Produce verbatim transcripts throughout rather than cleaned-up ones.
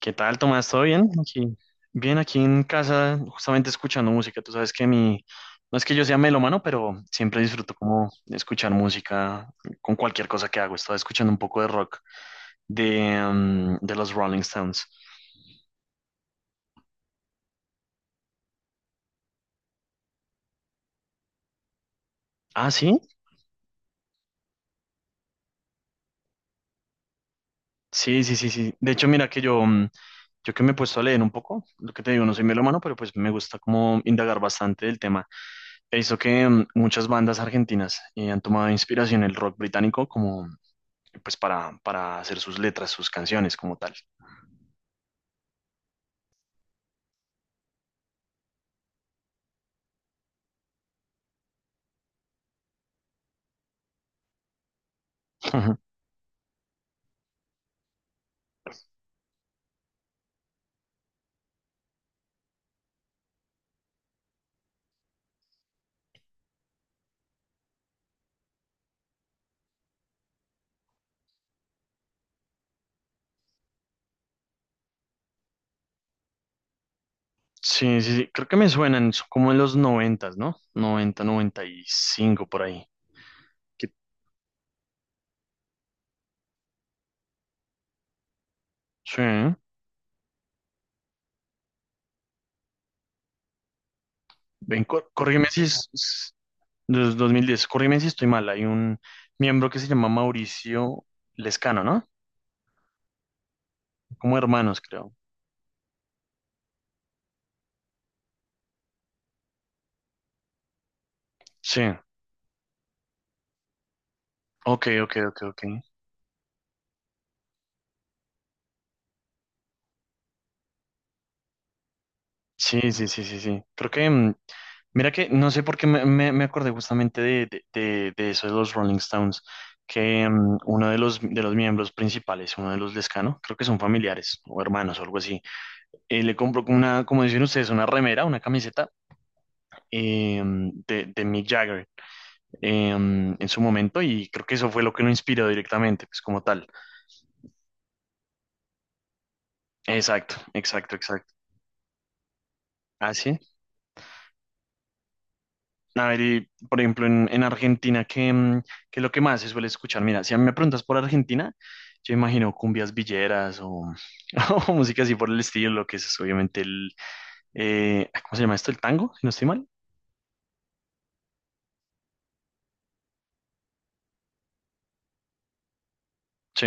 ¿Qué tal, Tomás? ¿Todo bien? Aquí, bien, aquí en casa, justamente escuchando música. Tú sabes que mi, no es que yo sea melómano, pero siempre disfruto como escuchar música con cualquier cosa que hago. Estaba escuchando un poco de rock de, mm, de los Rolling Stones. Ah, sí, sí, sí, sí, sí. De hecho, mira que yo, mm, yo que me he puesto a leer un poco, lo que te digo, no soy melómano, pero pues me gusta como indagar bastante del tema. He visto que mm, muchas bandas argentinas eh, han tomado inspiración en el rock británico, como pues para, para hacer sus letras, sus canciones como tal. Ujú. Sí, sí, sí, creo que me suenan son como en los noventas, ¿no? Noventa, noventa y cinco por ahí. Que- sí, ven, cor- corrígeme si es, es dos- 2010, corrígeme si estoy mal. Hay un miembro que se llama Mauricio Lescano, ¿no? Como hermanos, creo. Sí, ok, ok, ok, ok. Sí, sí, sí, sí, sí. Creo que, mm, mira que, no sé por qué me, me- me acordé justamente de, de, de, de eso de los Rolling Stones, que mm, uno de los, de los miembros principales, uno de los Lescano, creo que son familiares o hermanos o algo así, eh, le compró como una, como dicen ustedes, una remera, una camiseta eh, de, de Mick Jagger eh, mm, en su momento y creo que eso fue lo que lo inspiró directamente, pues como tal. Exacto, exacto, exacto. ¿Ah, sí? A ver, y, por ejemplo, en, en Argentina, ¿qué, mm, ¿qué es lo que más se suele escuchar? Mira, si a mí me preguntas por Argentina, yo imagino cumbias villeras o, o música así por el estilo, lo que es obviamente el, eh, ah, ¿cómo se llama esto? ¿El tango? Si no estoy mal. Sí,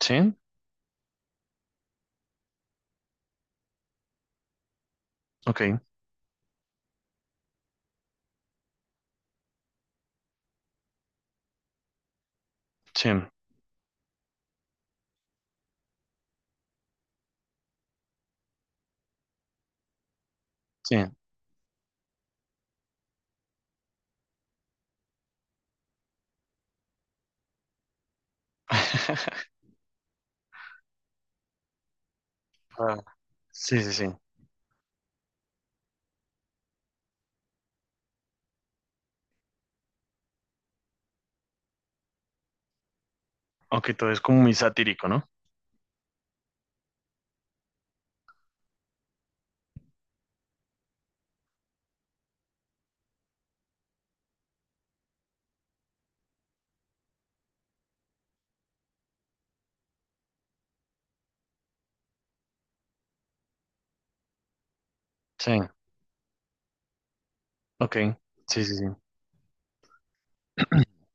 sí, ok, sí, sí. Ah, sí, sí, sí. Aunque todo es como muy satírico, ¿no? Sí, ok, sí, sí, sí.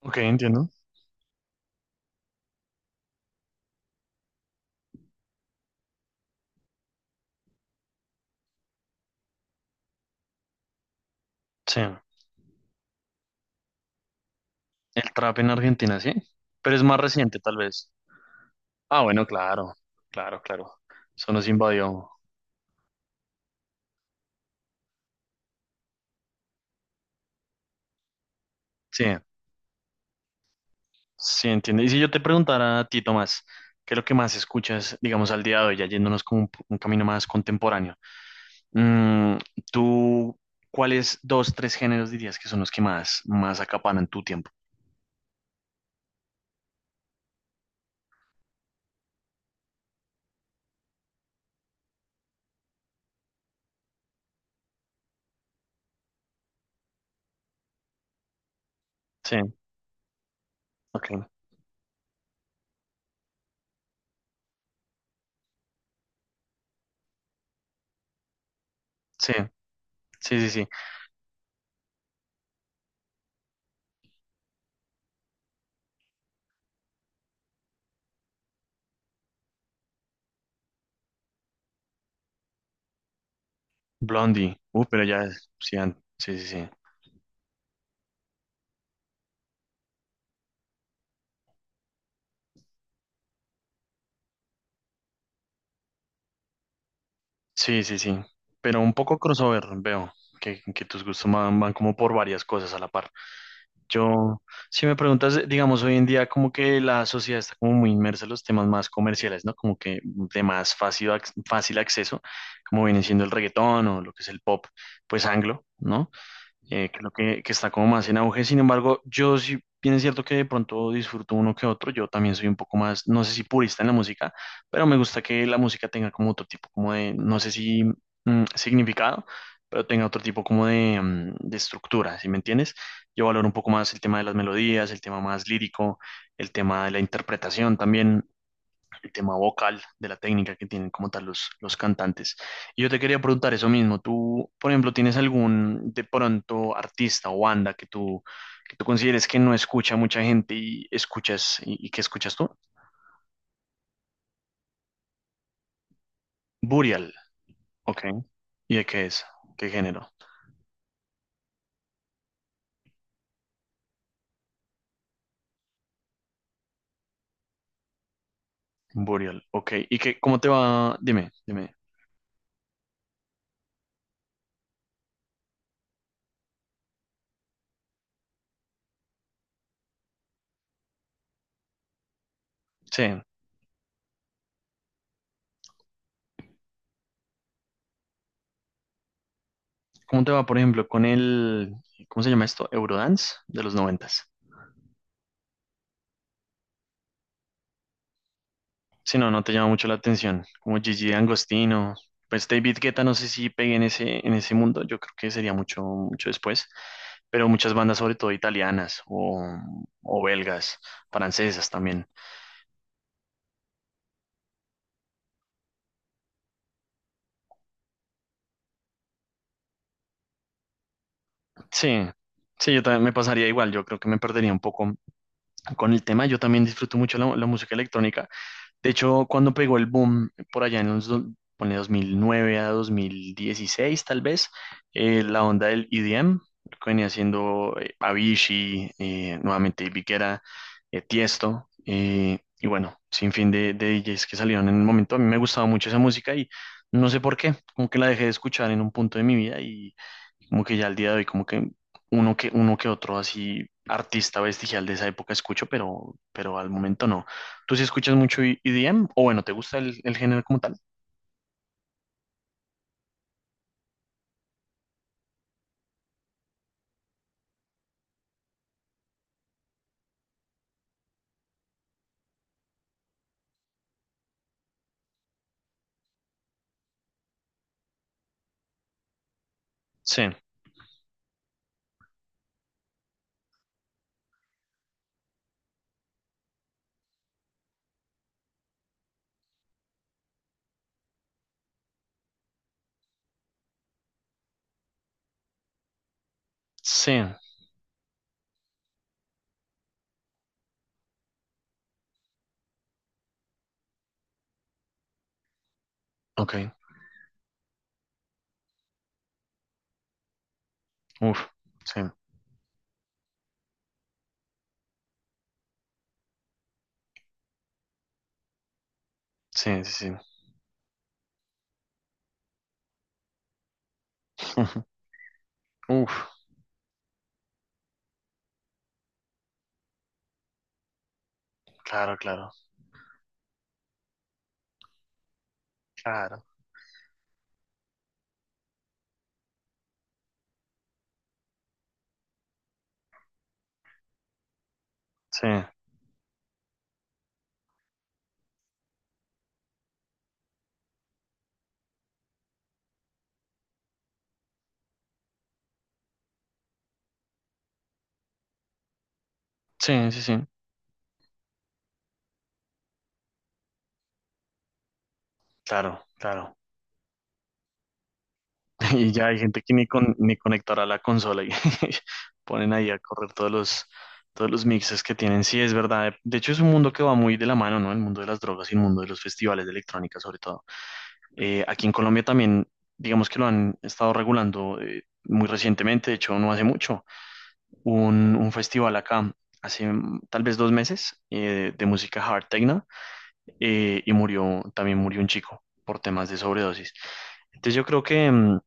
Ok, entiendo. Sí, el trap en Argentina, sí. Pero es más reciente, tal vez. Ah, bueno, claro, claro, claro. Eso nos invadió. Sí, sí, entiende. Y si yo te preguntara a ti, Tomás, ¿qué es lo que más escuchas, digamos, al día de hoy, ya yéndonos como un, p- un camino más contemporáneo? Mm, ¿Tú cuáles dos, tres géneros dirías que son los que más, más acaparan tu tiempo? Sí, ok. Sí, sí, sí, sí. Blondie. Uh, pero ya, es- sí, an- sí, sí, sí. Sí, sí, sí. Pero un poco crossover, veo que, que tus gustos van, van como por varias cosas a la par. Yo, si me preguntas, digamos, hoy en día como que la sociedad está como muy inmersa en los temas más comerciales, ¿no? Como que de más fácil, ac- fácil acceso, como viene siendo el reggaetón o lo que es el pop, pues anglo, ¿no? Eh, creo que, que está como más en auge. Sin embargo, yo sí, bien es cierto que de pronto disfruto uno que otro. Yo también soy un poco más, no sé si purista en la música, pero me gusta que la música tenga como otro tipo, como de, no sé si significado, pero tenga otro tipo como de, mm, de estructura, ¿sí me entiendes? Yo valoro un poco más el tema de las melodías, el tema más lírico, el tema de la interpretación también, el tema vocal, de la técnica que tienen como tal los, los cantantes. Y yo te quería preguntar eso mismo, tú, por ejemplo, ¿tienes algún de pronto artista o banda que tú, que tú consideres que no escucha mucha gente y escuchas, y, y qué escuchas tú? Burial, ok. ¿Y de qué es? ¿Qué género? Burial, ok. ¿Y qué, cómo te va? Dime, dime. Sí. ¿Cómo te va, por ejemplo, con el, ¿cómo se llama esto? Eurodance de los noventas. Si no, no te llama mucho la atención. Como Gigi D'Angostino, pues David Guetta, no sé si pegue en ese, en ese mundo, yo creo que sería mucho, mucho después. Pero muchas bandas, sobre todo italianas o, o belgas, francesas también. Sí, sí, yo también me pasaría igual, yo creo que me perdería un poco con el tema. Yo también disfruto mucho la, la música electrónica. De hecho, cuando pegó el boom, por allá en los do- ponle dos mil nueve a dos mil dieciséis, tal vez, eh, la onda del E D M, lo que venía haciendo eh, Avicii, eh, nuevamente David Guetta, eh, Tiesto, eh, y bueno, sin fin de, de D Js que salieron en el momento. A mí me gustaba mucho esa música y no sé por qué, como que la dejé de escuchar en un punto de mi vida y como que ya al día de hoy, como que uno que, uno que otro así artista vestigial de esa época escucho, pero, pero al momento no. ¿Tú sí escuchas mucho E- EDM? O bueno, ¿te gusta el, el género como tal? Sí, sí, ok, uf, sí, sí, sí, sí. Uf, claro, claro, claro, sí, sí, sí, sí, claro, claro. Y ya hay gente que ni, con, ni conectará la consola y ponen ahí a correr todos los, todos los mixes que tienen. Sí, es verdad. De hecho, es un mundo que va muy de la mano, ¿no? El mundo de las drogas y el mundo de los festivales de electrónica, sobre todo. Eh, aquí en Colombia también, digamos que lo han estado regulando eh, muy recientemente, de hecho, no hace mucho. Hubo Un, un festival acá, hace mm, tal vez dos meses, eh, de música hard techno, eh, y murió, también murió un chico por temas de sobredosis. Entonces, yo creo que... mm,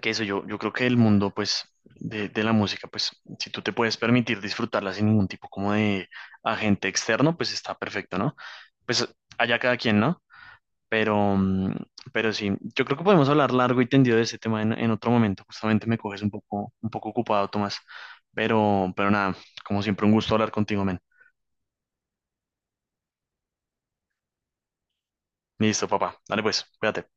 que eso, yo, yo creo que el mundo, pues, de, de la música, pues, si tú te puedes permitir disfrutarla sin ningún tipo como de agente externo, pues está perfecto, ¿no? Pues allá cada quien, ¿no? Pero, mm, pero sí, yo creo que podemos hablar largo y tendido de ese tema en, en otro momento. Justamente me coges un poco, un poco ocupado, Tomás. Pero, pero nada, como siempre, un gusto hablar contigo, men. Listo, papá. Dale pues, cuídate.